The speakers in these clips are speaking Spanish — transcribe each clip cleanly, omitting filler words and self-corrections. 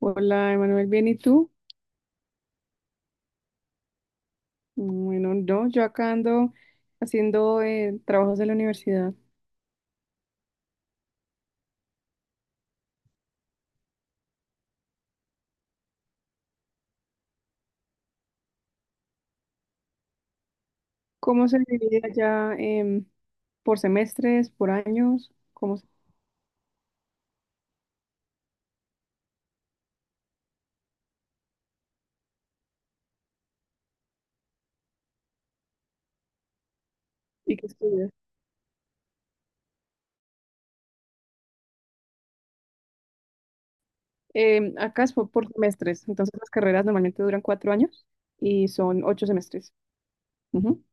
Hola, Emanuel, ¿bien y tú? Bueno, no, yo acá ando haciendo trabajos de la universidad. ¿Cómo se divide allá por semestres, por años? Y qué estudias? Acá es por semestres, entonces las carreras normalmente duran 4 años y son 8 semestres. Ujú.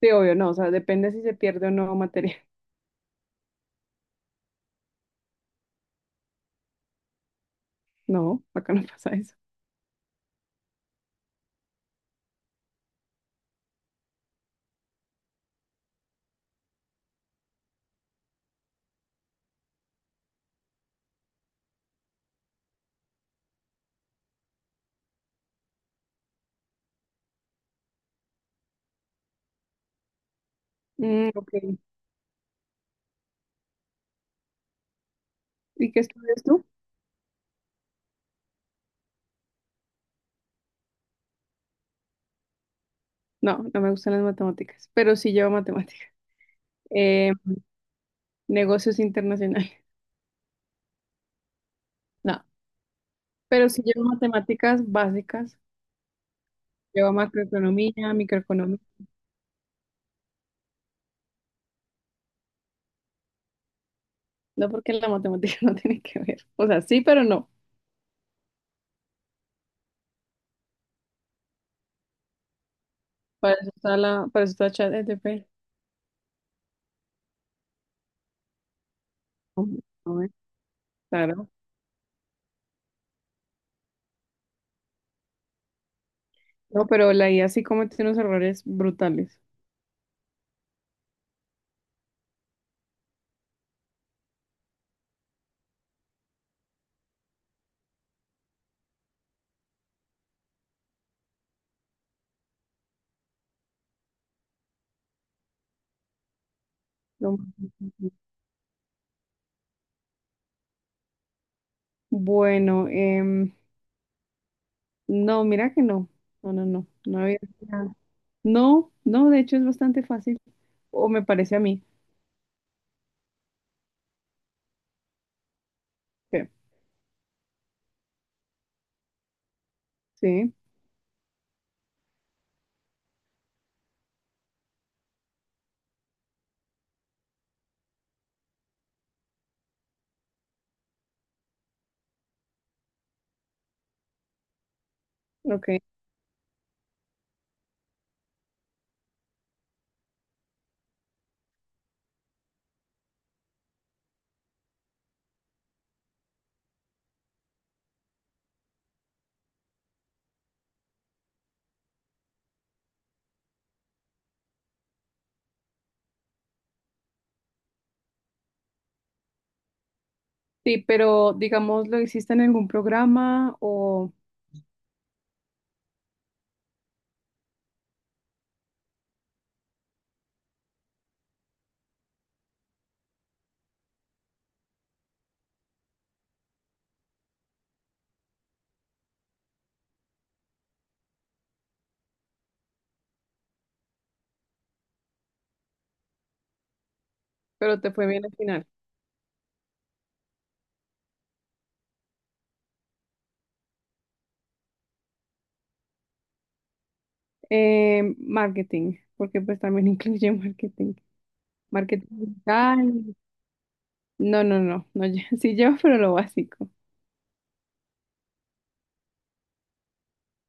Sí, obvio, no, o sea, depende si se pierde o no materia. No, acá no pasa eso. Mm, ok. ¿Y qué estudias tú? No, no me gustan las matemáticas, pero sí llevo matemáticas. Negocios internacionales. No, pero sí llevo matemáticas básicas, llevo macroeconomía, microeconomía. No porque la matemática no tiene que ver. O sea, sí, pero no. Para eso está ChatGPT. Hombre, hombre. Claro. No, pero la IA sí comete unos errores brutales. No. Bueno, no, mira que no. No, no, no. No había. No, no, de hecho es bastante fácil. O me parece a mí. Sí, sí, ok. Sí, pero digamos, ¿lo hiciste en algún programa o pero te fue bien al final? Marketing, porque pues también incluye marketing. Marketing digital. No, no, no, no, sí lleva, pero lo básico.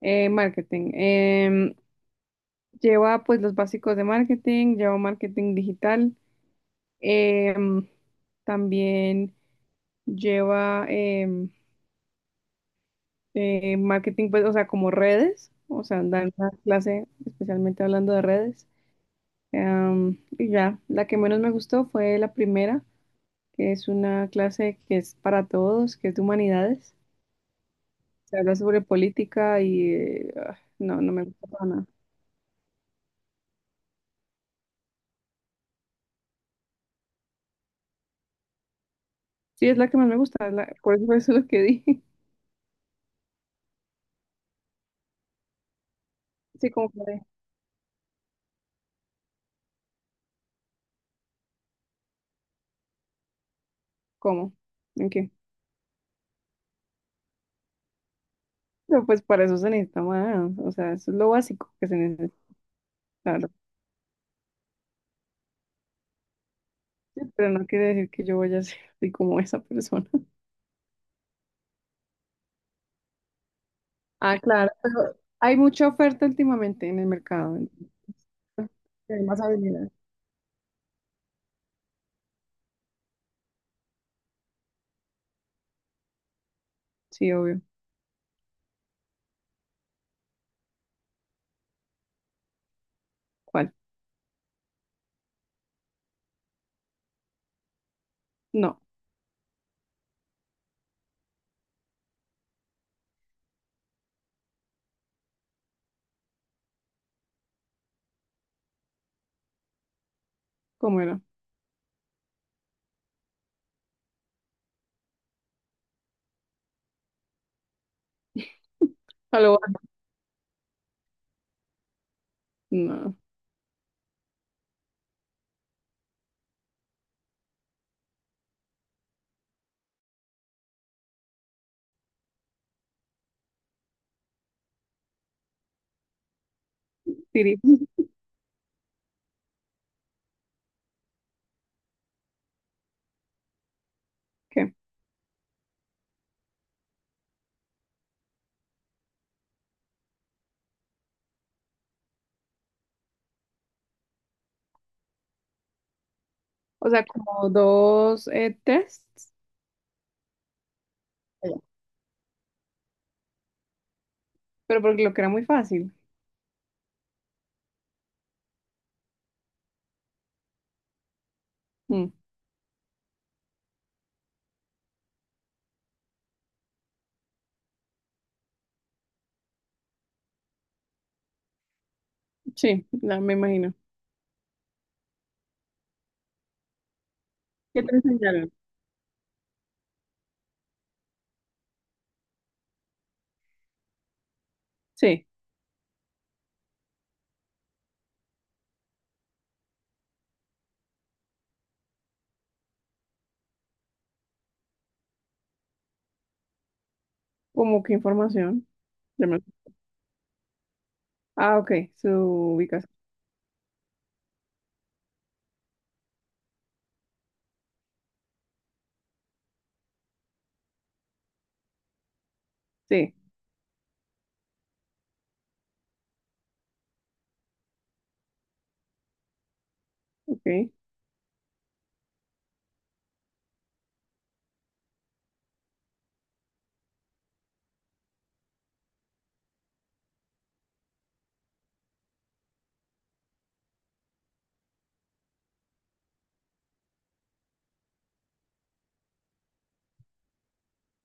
Marketing. Lleva pues los básicos de marketing, lleva marketing digital. em, También lleva marketing, pues, o sea, como redes. O sea, dar una clase especialmente hablando de redes. Y ya, la que menos me gustó fue la primera, que es una clase que es para todos, que es de humanidades. Se habla sobre política y ah, no, no me gusta para nada. Sí, es la que más me gusta, por eso fue eso lo que di. Sí, como que, ¿cómo? ¿En qué? Pero pues para eso se necesita más, o sea, eso es lo básico que se necesita, claro. Sí, pero no quiere decir que yo vaya a ser así como esa persona. Ah, claro, pero hay mucha oferta últimamente en el mercado, entonces, hay más habilidad. Sí, obvio. ¿Cuál? No, ¿cómo era? Algo, no, Siri, ¿qué? O sea, como dos tests, pero porque lo que era muy fácil. Mm, sí, ya me imagino. ¿Qué te enseñaron? Sí, como qué información. Ya me- Ah, ok, su ubicación. Sí, ok.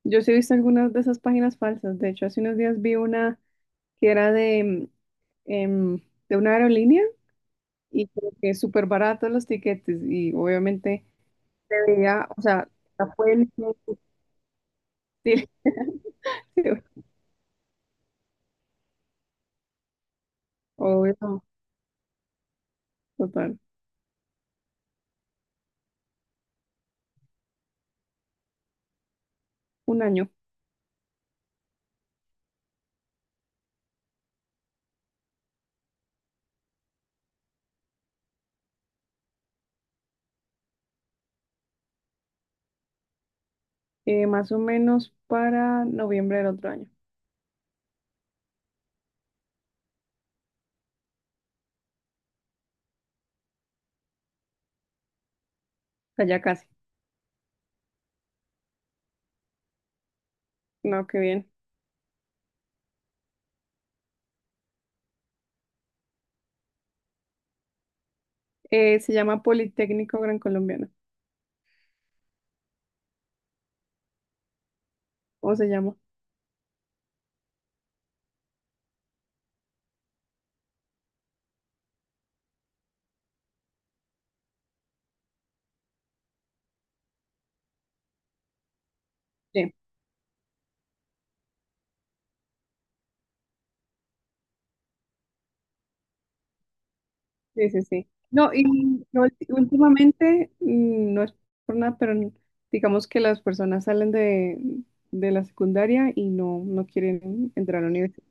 Yo sí he visto algunas de esas páginas falsas. De hecho, hace unos días vi una que era em, de una aerolínea y como que súper baratos los tiquetes y obviamente se veía, o sea, la fuente. Sí, obvio, total. Un año. Más o menos para noviembre del otro año. O sea, ya casi. No, qué bien. Se llama Politécnico Gran Colombiano. ¿Cómo se llama? Sí, sí, sí. Sí. No, y no, últimamente, no es por nada, pero digamos que las personas salen de la secundaria y no, no quieren entrar a la universidad.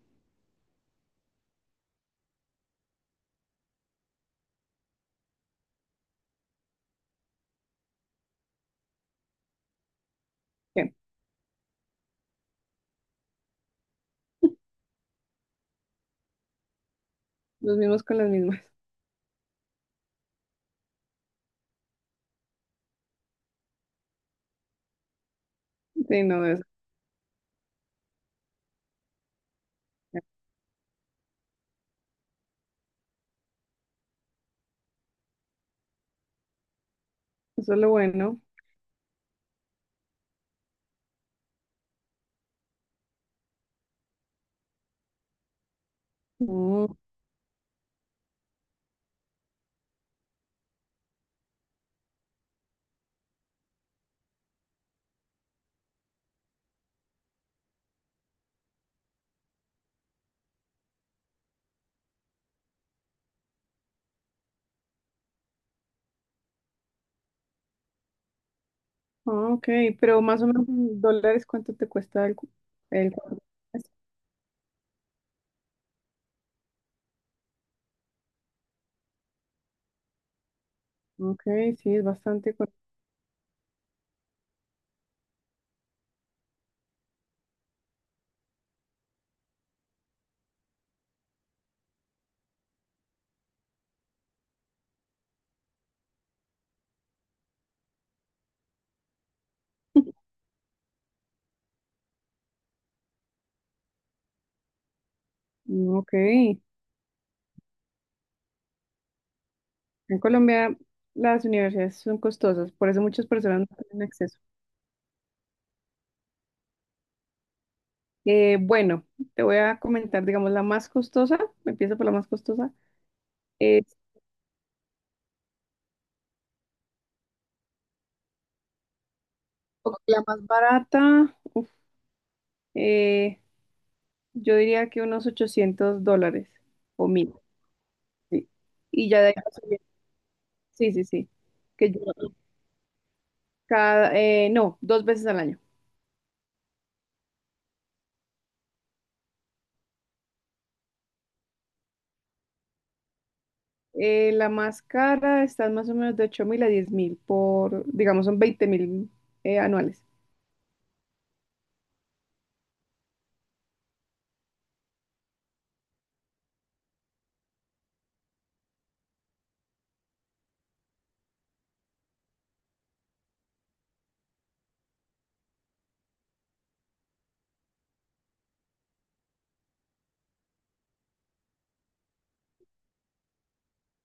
Sí. Los mismos con las mismas. Sí, no, eso es lo bueno. No. Ah, ok, pero más o menos en dólares, ¿cuánto te cuesta el cuatro por tres? Ok, sí, es bastante. Ok, en Colombia las universidades son costosas, por eso muchas personas no tienen acceso. Bueno, te voy a comentar, digamos, la más costosa. Empiezo por la más costosa, es o la más barata, uf, eh, yo diría que unos $800 o 1000. Sí. Y ya de ahí, sí, sí, sí, que yo cada, no, dos veces al año. La más cara está en más o menos de 8000 a 10.000 por, digamos, son 20.000 anuales.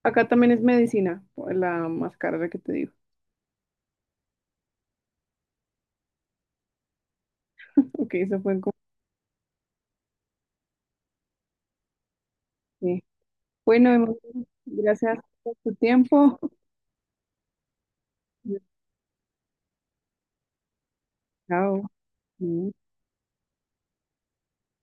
Acá también es medicina, la más cara la que te digo. Ok, eso fue como... que- Bueno, Emanuel, gracias por tu tiempo. Chao. Mm.